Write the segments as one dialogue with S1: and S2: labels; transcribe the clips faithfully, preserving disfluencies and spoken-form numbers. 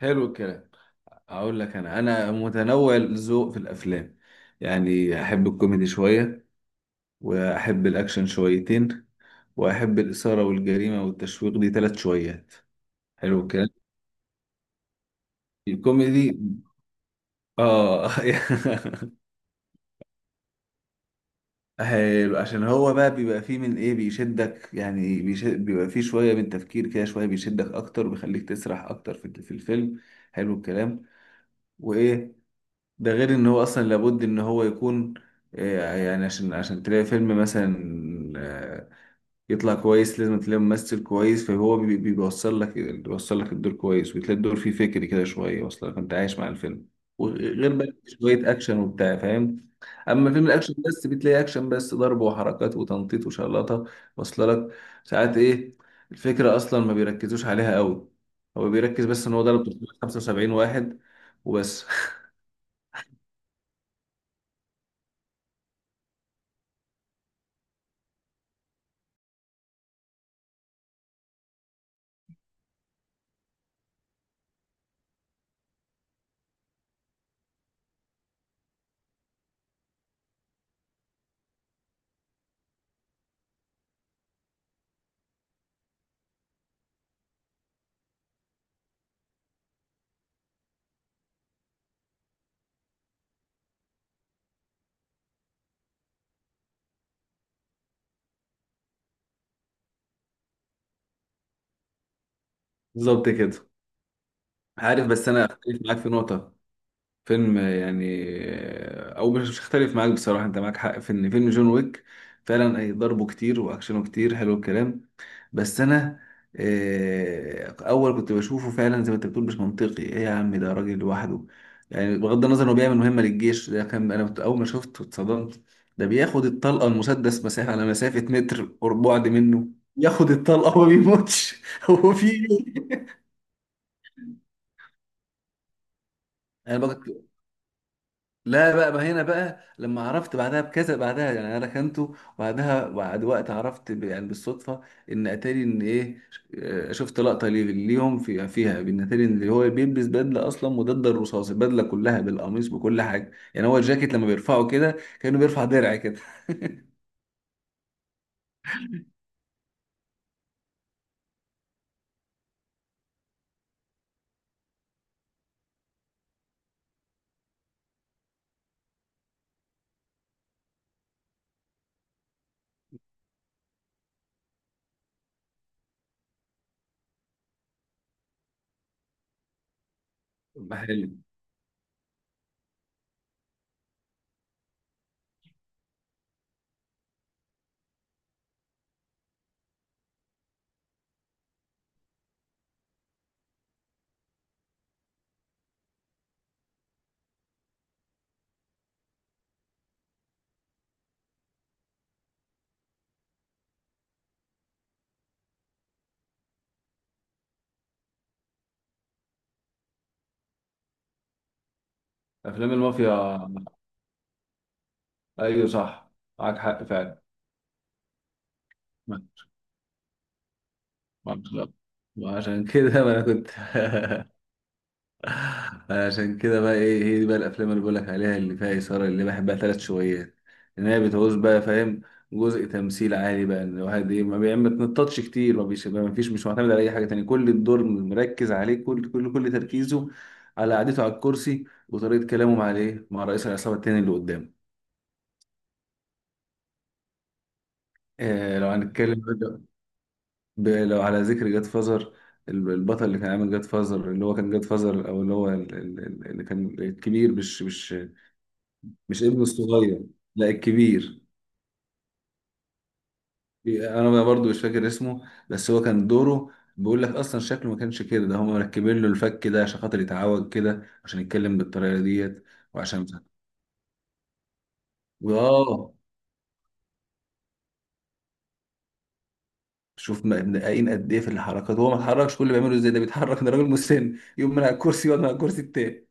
S1: حلو الكلام. اقول لك انا انا متنوع الذوق في الافلام. يعني احب الكوميدي شويه، واحب الاكشن شويتين، واحب الاثاره والجريمه والتشويق دي ثلاث شويات. حلو الكلام، الكوميدي. اه حلو، عشان هو بقى بيبقى فيه من ايه بيشدك، يعني بيشد بيبقى فيه شويه من تفكير كده، شويه بيشدك اكتر وبيخليك تسرح اكتر في في الفيلم. حلو الكلام. وايه؟ ده غير ان هو اصلا لابد ان هو يكون. آه، يعني عشان عشان تلاقي فيلم مثلا آه، يطلع كويس، لازم تلاقي ممثل كويس، فهو بي- بي- بيوصل لك بيوصل لك الدور كويس، وتلاقي الدور فيه فكر كده شويه اصلا، فانت عايش مع الفيلم. وغير بقى شويه اكشن وبتاع، فاهم؟ اما فيلم الاكشن، بس بتلاقي اكشن بس، ضرب وحركات وتنطيط وشلطه واصله لك. ساعات ايه الفكره اصلا ما بيركزوش عليها قوي، هو بيركز بس ان هو ضرب ثلاثمائة وخمسة وسبعين واحد وبس بالظبط كده. عارف، بس انا اختلف معاك في نقطه. فيلم يعني، او مش مش اختلف معاك بصراحه، انت معاك حق في ان فيلم جون ويك فعلا أي ضربه كتير واكشنه كتير، حلو الكلام. بس انا آه، اول كنت بشوفه فعلا زي ما انت بتقول مش منطقي. ايه يا عم، ده راجل لوحده، يعني بغض النظر انه بيعمل مهمه للجيش. ده كان انا كنت اول ما شفته اتصدمت، ده بياخد الطلقه، المسدس مسافه على مسافه متر بعد منه ياخد الطلقه وما بيموتش هو في إيه؟ انا بقى لا بقى بقى هنا بقى لما عرفت بعدها بكذا، بعدها يعني انا ركنته، وبعدها بعد وقت عرفت ب- يعني بالصدفه ان اتاري ان ايه، آه، شفت لقطه ليه- ليهم في فيها، بان اتاري ان هو بيلبس بدله اصلا مضاده للرصاص، البدله كلها بالقميص بكل حاجه، يعني هو الجاكيت لما بيرفعه كده كانه بيرفع درع كده حلو. افلام المافيا. ايوه صح، معاك حق فعلا ما ما- عشان كده ما انا كنت عشان كده بقى ايه، هي دي بقى الافلام اللي بقولك عليها اللي فيها اثاره اللي بحبها ثلاث شويات، ان هي بتعوز بقى، فاهم، جزء تمثيل عالي، بقى ان الواحد ايه ما بي- ما بتنططش كتير، ما بيش ما فيش، مش معتمد على اي حاجه تانية، كل الدور مركز عليه، كل كل كل تركيزه على قعدته على الكرسي وطريقه كلامه مع الايه، مع رئيس العصابه التاني اللي قدامه. آه لو هنتكلم بقى- ب- لو على ذكر جاد فازر، البطل اللي كان عامل جاد فازر اللي هو كان جاد فازر، او اللي هو ال- ال- ال- اللي كان الكبير، مش مش مش ابنه الصغير، لا الكبير. انا بقى برضو مش فاكر اسمه، بس هو كان دوره بيقول لك اصلا شكله ما كانش كده، ده هم مركبين له الفك ده عشان خاطر يتعوج كده عشان يتكلم بالطريقه ديت. وعشان واه، شوف ما مدققين قد ايه في الحركات، هو ما اتحركش، كل اللي بيعمله ازاي ده بيتحرك، ده راجل مسن يقوم من على الكرسي يقعد من على الكرسي التاني،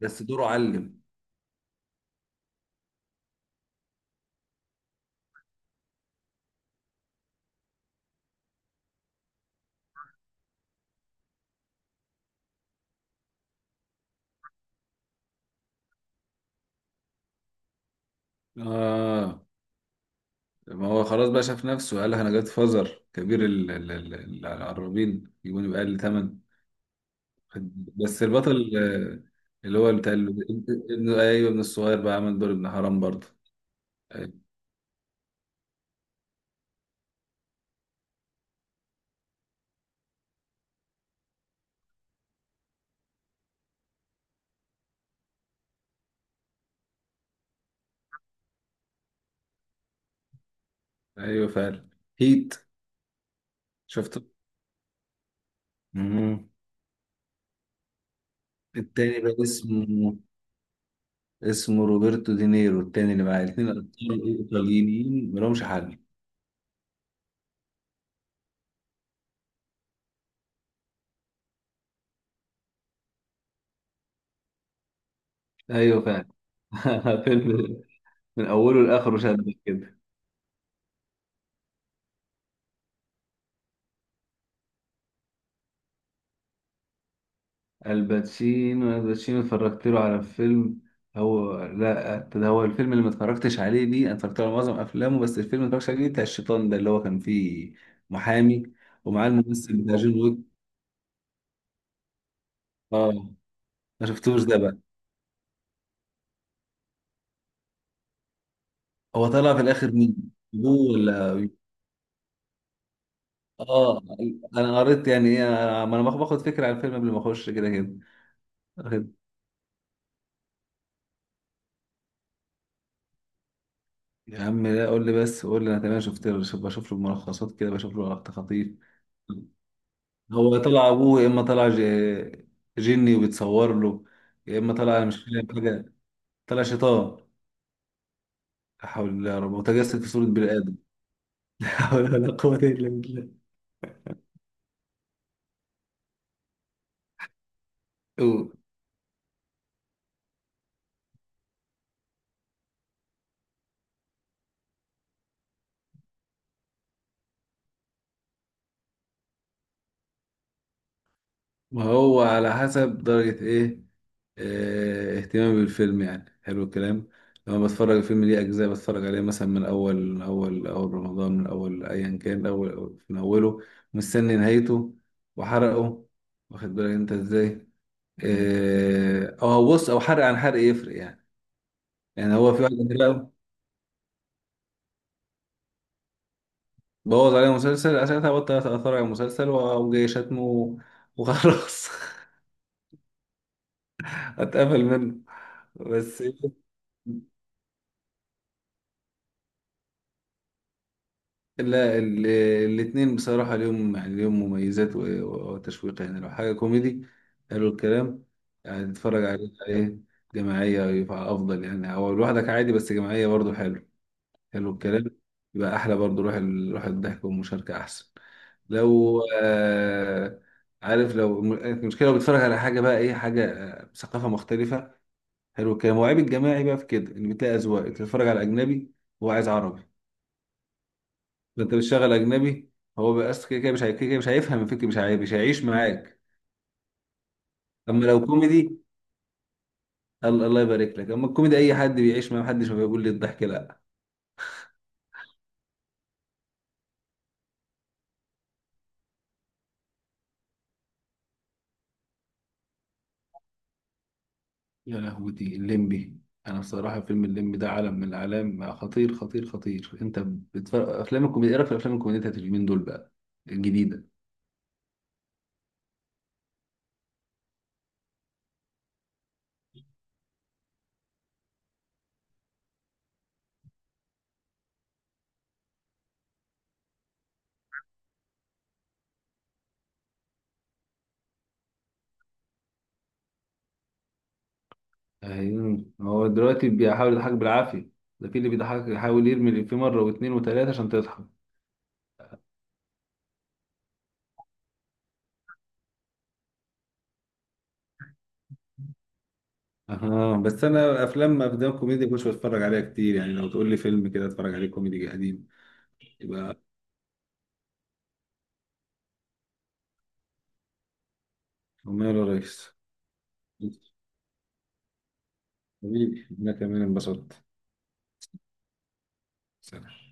S1: بس دوره علم. اه، ما هو خلاص بقى، شاف نفسه قال لك انا جت فزر كبير، ال- ال- ال- العرابين يجيبوني بأقل ثمن. بس البطل آه، اللي هو بتاع ال- ابن ايوه، ابن الصغير بقى عمل دور ابن حرام برضه. ايوه، أيوة فعلا. هيت، شفته. مم. التاني بقى اسمه، اسمه روبرتو دينيرو، التاني اللي معاه، الاتنين ابطال ايطاليين ملهمش حل. ايوه فعلا فيلم من اوله لاخره شدك كده. الباتشينو الباتشينو اتفرجت له على فيلم. هو لا، ده هو الفيلم اللي ما اتفرجتش عليه دي. انا اتفرجت على معظم افلامه، بس الفيلم اللي ما اتفرجتش عليه بتاع الشيطان ده اللي هو كان فيه محامي ومعاه الممثل بتاع جون ويك. اه، ما شفتوش ده بقى. هو طلع في الاخر مين ابوه، ولا؟ اه، انا قريت يعني ايه، أنا- ما انا باخد باخد فكره عن الفيلم قبل ما اخش كده كده. واخد- يا عم لا، قول لي بس، قول لي انا تمام. شفت له، بشوف له ملخصات كده، بشوف له لقطات خطيف. هو طلع ابوه، يا اما طلع ج- جني وبيتصور له، يا اما طلع انا مش فاهم حاجه. طلع شيطان. لا حول الله يا رب، متجسد في صوره بني ادم لا حول ولا قوه الا بالله. أو- ما هو على حسب درجه ايه، آه، اهتمامي بالفيلم، يعني حلو الكلام. لما بتفرج الفيلم ليه اجزاء بتفرج عليه مثلا من اول، من اول، اول رمضان، من اول ايا كان، اول من اوله مستني نهايته وحرقه، واخد بالك انت ازاي. اه، أو بص، او حرق عن حرق يفرق يعني يعني هو في واحد، لا. بوظ عليه مسلسل، ساعتها بطل اثر على المسلسل وجاي شتمه، وخلاص اتقفل منه. بس لا، ال- الاتنين بصراحة ليهم، يعني ليهم مميزات و- وتشويق يعني. لو حاجة كوميدي، حلو الكلام، يعني تتفرج عليه عليه جماعية يبقى أفضل، يعني أو لوحدك عادي، بس جماعية برضو حلو. حلو الكلام، يبقى أحلى برضو، روح ال- روح الضحك والمشاركة أحسن. لو آه عارف، لو الم- المشكله، لو بتتفرج على حاجه بقى ايه، حاجه آه، ثقافه مختلفه، حلو الكلام. وعيب الجماعي بقى في كده، ان بتلاقي اذواق، انت بتتفرج على اجنبي هو عايز عربي، فانت بتشغل اجنبي، هو بس كده كده مش هي- كده كده مش هيفهم الفكره، مش هي- مش هيعيش معاك. اما لو كوميدي، الله الله يبارك لك. اما الكوميدي اي حد بيعيش معاه، محدش ما بيقول لي الضحك، لا. يا لهوتي الليمبي. انا بصراحه فيلم الليمبي ده عالم من الاعلام، خطير خطير خطير. انت بتفرق افلام الكوميديا. ايه رايك في افلام الكوميديا بتاعت اليومين دول بقى الجديده؟ ايوه، هو دلوقتي بيحاول يضحك بالعافية، ده في اللي بيضحك يحاول يرمي الإفيه مرة واتنين وتلاتة عشان تضحك. اه بس انا افلام افلام كوميدي مش بتفرج عليها كتير، يعني لو تقول لي فيلم كده اتفرج عليه كوميدي قديم يبقى. وماله يا ريس. حبيبي، انا كمان انبسطت. سلام.